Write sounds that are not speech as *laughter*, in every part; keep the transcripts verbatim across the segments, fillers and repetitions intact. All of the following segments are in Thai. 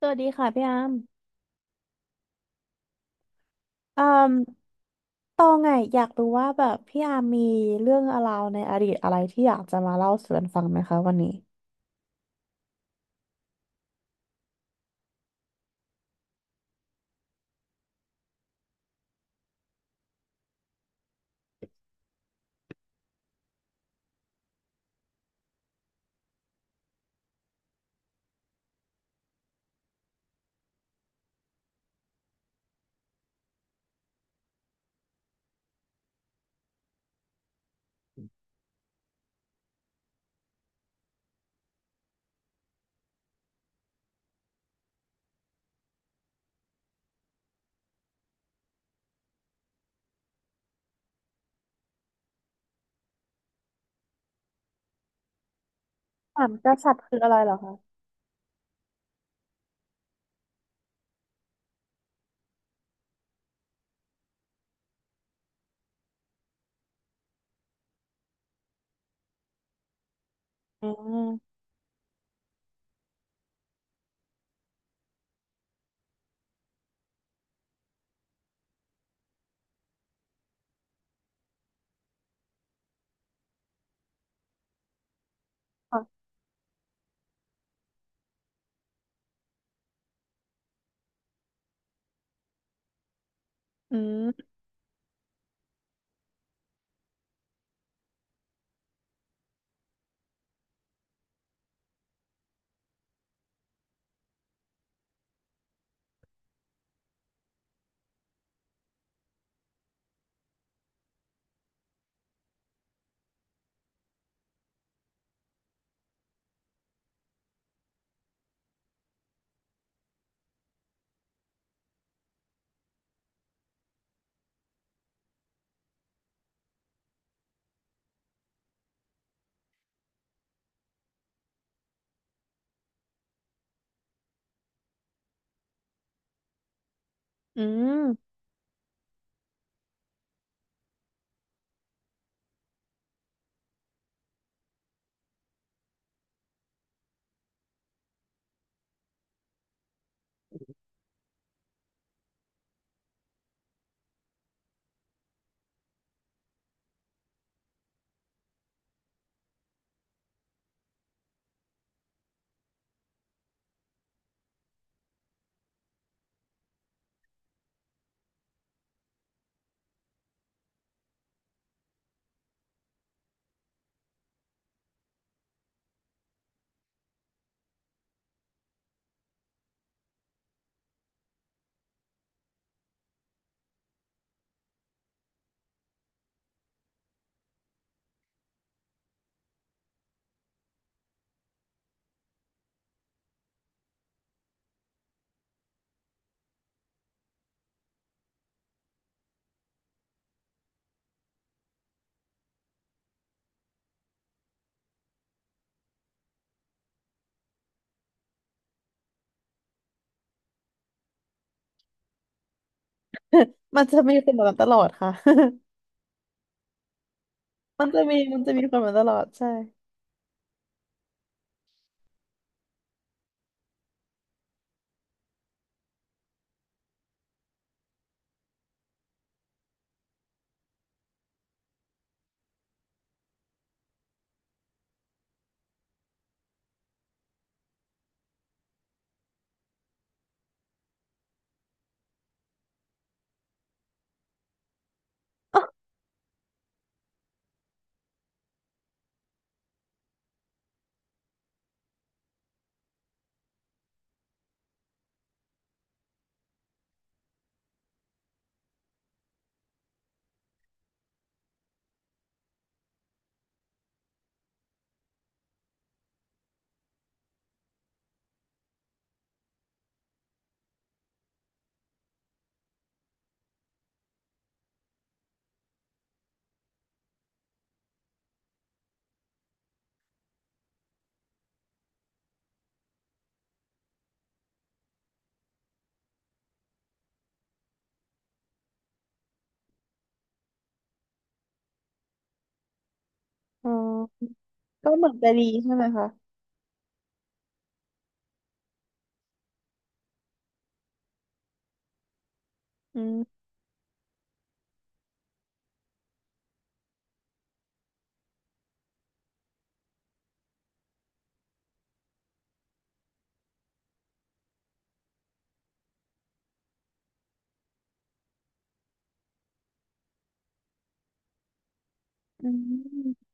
สวัสดีค่ะพี่อาร์มเอ่มตองไงอยากรู้ว่าแบบพี่อาร์มมีเรื่องราวในอดีตอะไรที่อยากจะมาเล่าสู่กันฟังไหมคะวันนี้อ สามกษัตริย์คืออะไรเหรอคะอืมอ่ะอืมอืมมันจะมีคนแบบนั้นตลอดค่ะ *laughs* มันจะมีมันจะมีคนแบบนั้นตลอดใช่อ๋อ *laughs* ก็เหมือนจะดีใช่ไหมคะอืมอืม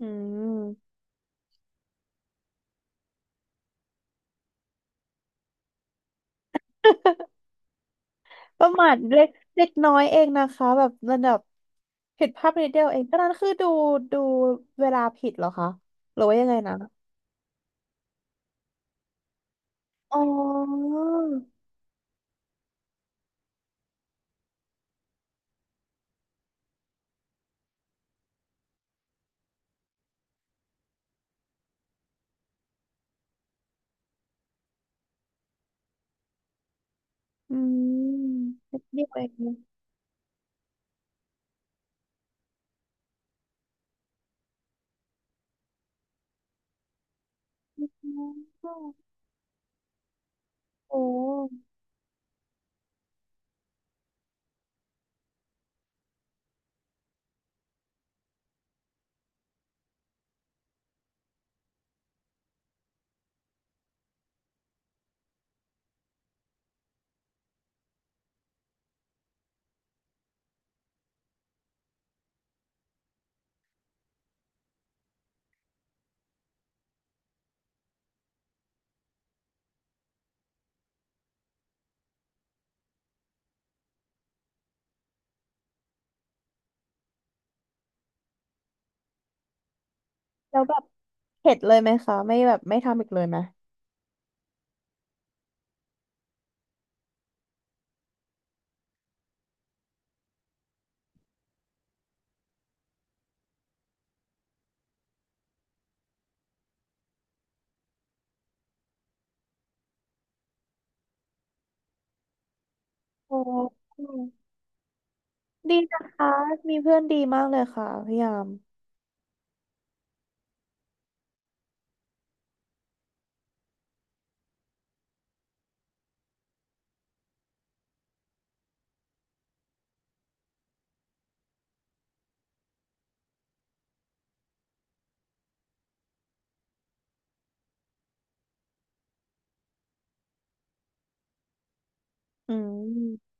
อืม ประมาทเล็กเล็กน้อยเองนะคะแบบระดับผิดภาพนิดเดียวเองก็นั้นคือดูดูเวลาผิดเหรอคะหรือว่ายังไงนะอ๋ออืมนิดเดียวเองอ๋อโอ้แล้วแบบเข็ดเลยไหมคะไม่แบบไม่ทำอีกเลยไหมโอ้ดีนะคะมีเพื่อนดีมากเลยค่ะพยายามอืม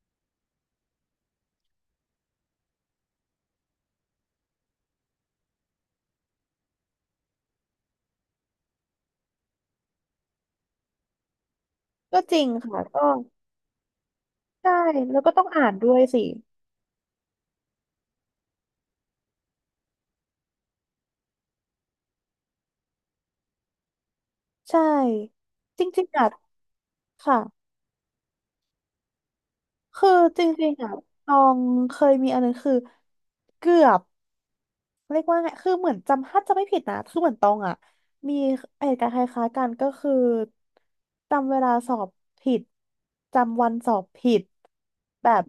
ก็จริงค่ะก็ใช่แล้วก็ต้องอ่านด้วยสิใช่จริงๆอ่ะค่ะ คือจริงๆอ่ะตองเคยมีอันนึงคือเกือบเรียกว่าไง คือเหมือนจำถ้าจำไม่ผิดนะคือเหมือนตองอ่ะมีเหตุการณ์คล้ายๆกันก็คือจำเวลาสอบผิดจำวันสอบผิดแบบ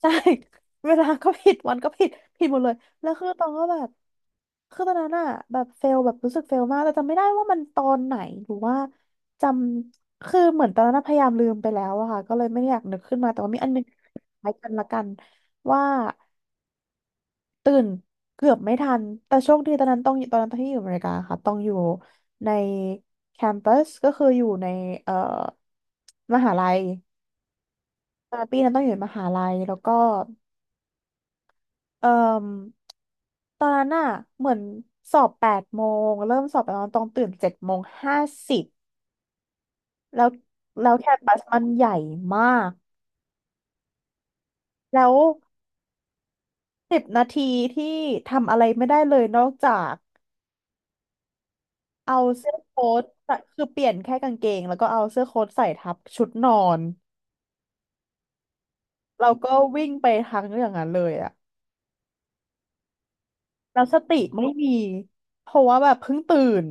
ใช่ *laughs* เวลาก็ผิดวันก็ผิดผิดหมดเลยแล้วคือตองก็แบบคือตอนนั้นอะแบบเฟลแบบรู้สึกเฟลมากแต่จำไม่ได้ว่ามันตอนไหนหรือว่าจำคือเหมือนตอนนั้นอะพยายามลืมไปแล้วอะค่ะก็เลยไม่ได้อยากนึกขึ้นมาแต่ว่ามีอันหนึงคล้ายกันละกันว่าตื่นเกือบไม่ทันแต่โชคดีตอนนั้นต้องตอนนั้นตอนที่อยู่อเมริกาค่ะต้องอยู่ในแคมปัสก็คืออยู่ในเอ่อมหาลัยตอนปีนั้นต้องอยู่ในมหาลัยแล้วก็ เอ่มตอนนั้นอะเหมือนสอบแปดโมงเริ่มสอบตอนต้องตื่นเจ็ดโมงห้าสิบแล้วแล้วแคมปัสมันใหญ่มากแล้วสิบนาทีที่ทำอะไรไม่ได้เลยนอกจากเอาเสื้อโค้ทใส่คือเปลี่ยนแค่กางเกงแล้วก็เอาเสื้อโค้ทใส่ทับชุดนอนเราก็วิ่งไปทางอย่างนั้นเลยอะแล้วสติไม่มีเพราะว่าแบบเพิ่งตื่น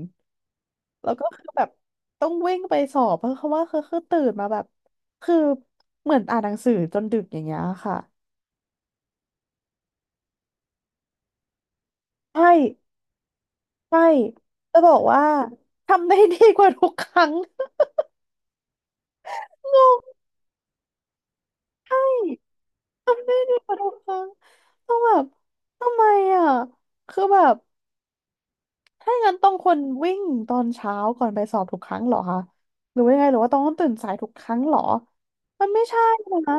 แล้วก็คือแบบต้องวิ่งไปสอบเพราะเขาว่าคือคือตื่นมาแบบคือเหมือนอ่านหนังสือจนดึกอย่างเงี้ยค่ะใช่ใช่จะบอกว่าทำได้ดีกว่าทุกครั้ง *laughs* งงใช่ดีกว่าทุกครั้งต้องแบบทำไมอ่ะคือแบบถ้างั้นต้องคนวิ่งตอนเช้าก่อนไปสอบทุกครั้งเหรอคะหรือว่ายังไงหรือว่าต้องตื่นสายทุกครั้งเหรอมันไม่ใช่นะ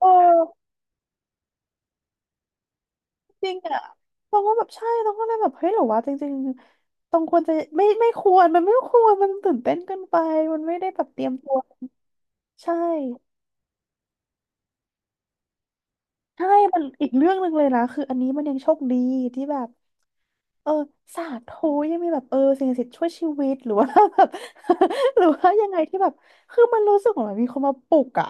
เออ จริงอะต้องว็แบบใช่ต้องก็เลยแบบเฮ้ยหรือว่าจริงๆตองควรจะไม่ไม่ควรมันไม่ควรมันตื่นเต้นเกินไปมันไม่ได้แบบเตรียมตัวใช่ใช่มันอีกเรื่องหนึ่งเลยนะคืออันนี้มันยังโชคดีที่แบบเออสาธุยังมีแบบเออสิ่งศักดิ์สิทธิ์ช่วยชีวิตหรือว่าแบบ *laughs* หรือว่ายังไงที่แบบคือมันรู้สึกเหมือนมีคนมาปลุกอะ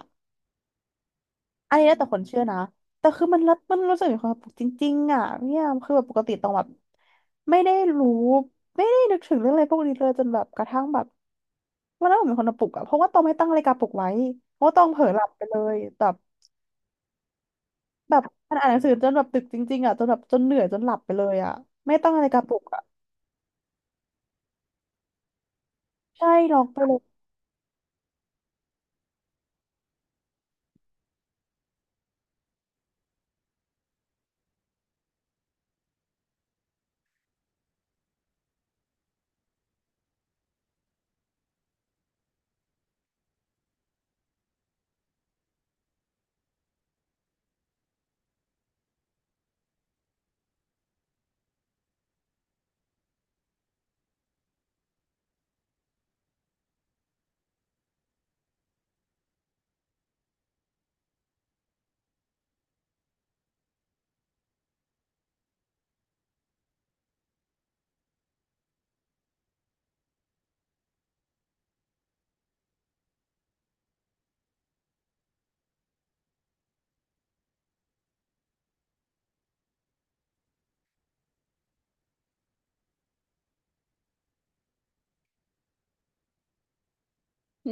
อันนี้แล้วแต่คนเชื่อนะแต่คือมันรับมันรู้สึกมีความสุขจริงๆอ่ะเนี่ยคือแบบปกติต้องแบบไม่ได้รู้ไม่ได้นึกถึงเรื่องอะไรพวกนี้เลยจนแบบกระทั่งแบบวันนั้นผมเป็นคนมาปลุกอ่ะเพราะว่าต้องไม่ตั้งนาฬิกาปลุกไว้เพราะว่าต้องเผลอหลับไปเลยแบบแบบมันอ่านหนังสือจนแบบดึกจริงๆอ่ะจนแบบจนเหนื่อยจนหลับไปเลยอ่ะไม่ตั้งนาฬิกาปลุกอ่ะใช่ล็อกไปเลย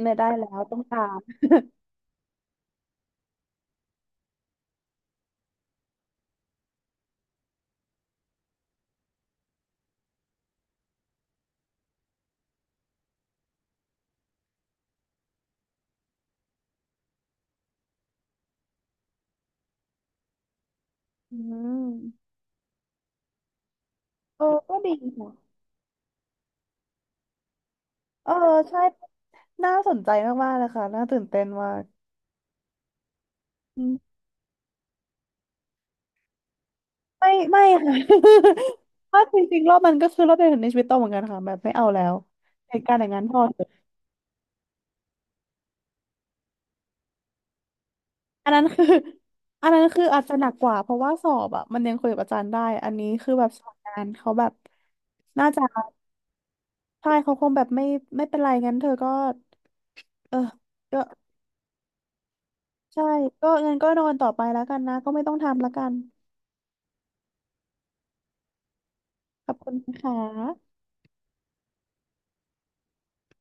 ไม่ได้แล้วต้องตามอืมเออก็ดีค่ะเออใช่น่าสนใจมากๆเลยค่ะน่าตื่นเต้นมาก ไม่ไม่ค่ะ *laughs* เพราะจริงๆรอบมันก็คือรอบเดียวในชีวิตโตเหมือนกันค่ะแบบไม่เอาแล้วเหตุการณ์อย่างนั้นพอเถอะอันนั้นคืออันนั้นคืออาจจะหนักกว่าเพราะว่าสอบอ่ะมันยังคุยกับอาจารย์ได้อันนี้คือแบบสอบงานเขาแบบน่าจะใช่เขาคงแบบไม่ไม่เป็นไรงั้นเธอก็เออก็ใช่ก็งั้นก็นอนต่อไปแล้วกันนะก็ไม่ต้องทำแล้วกันขอบคุณนะคะ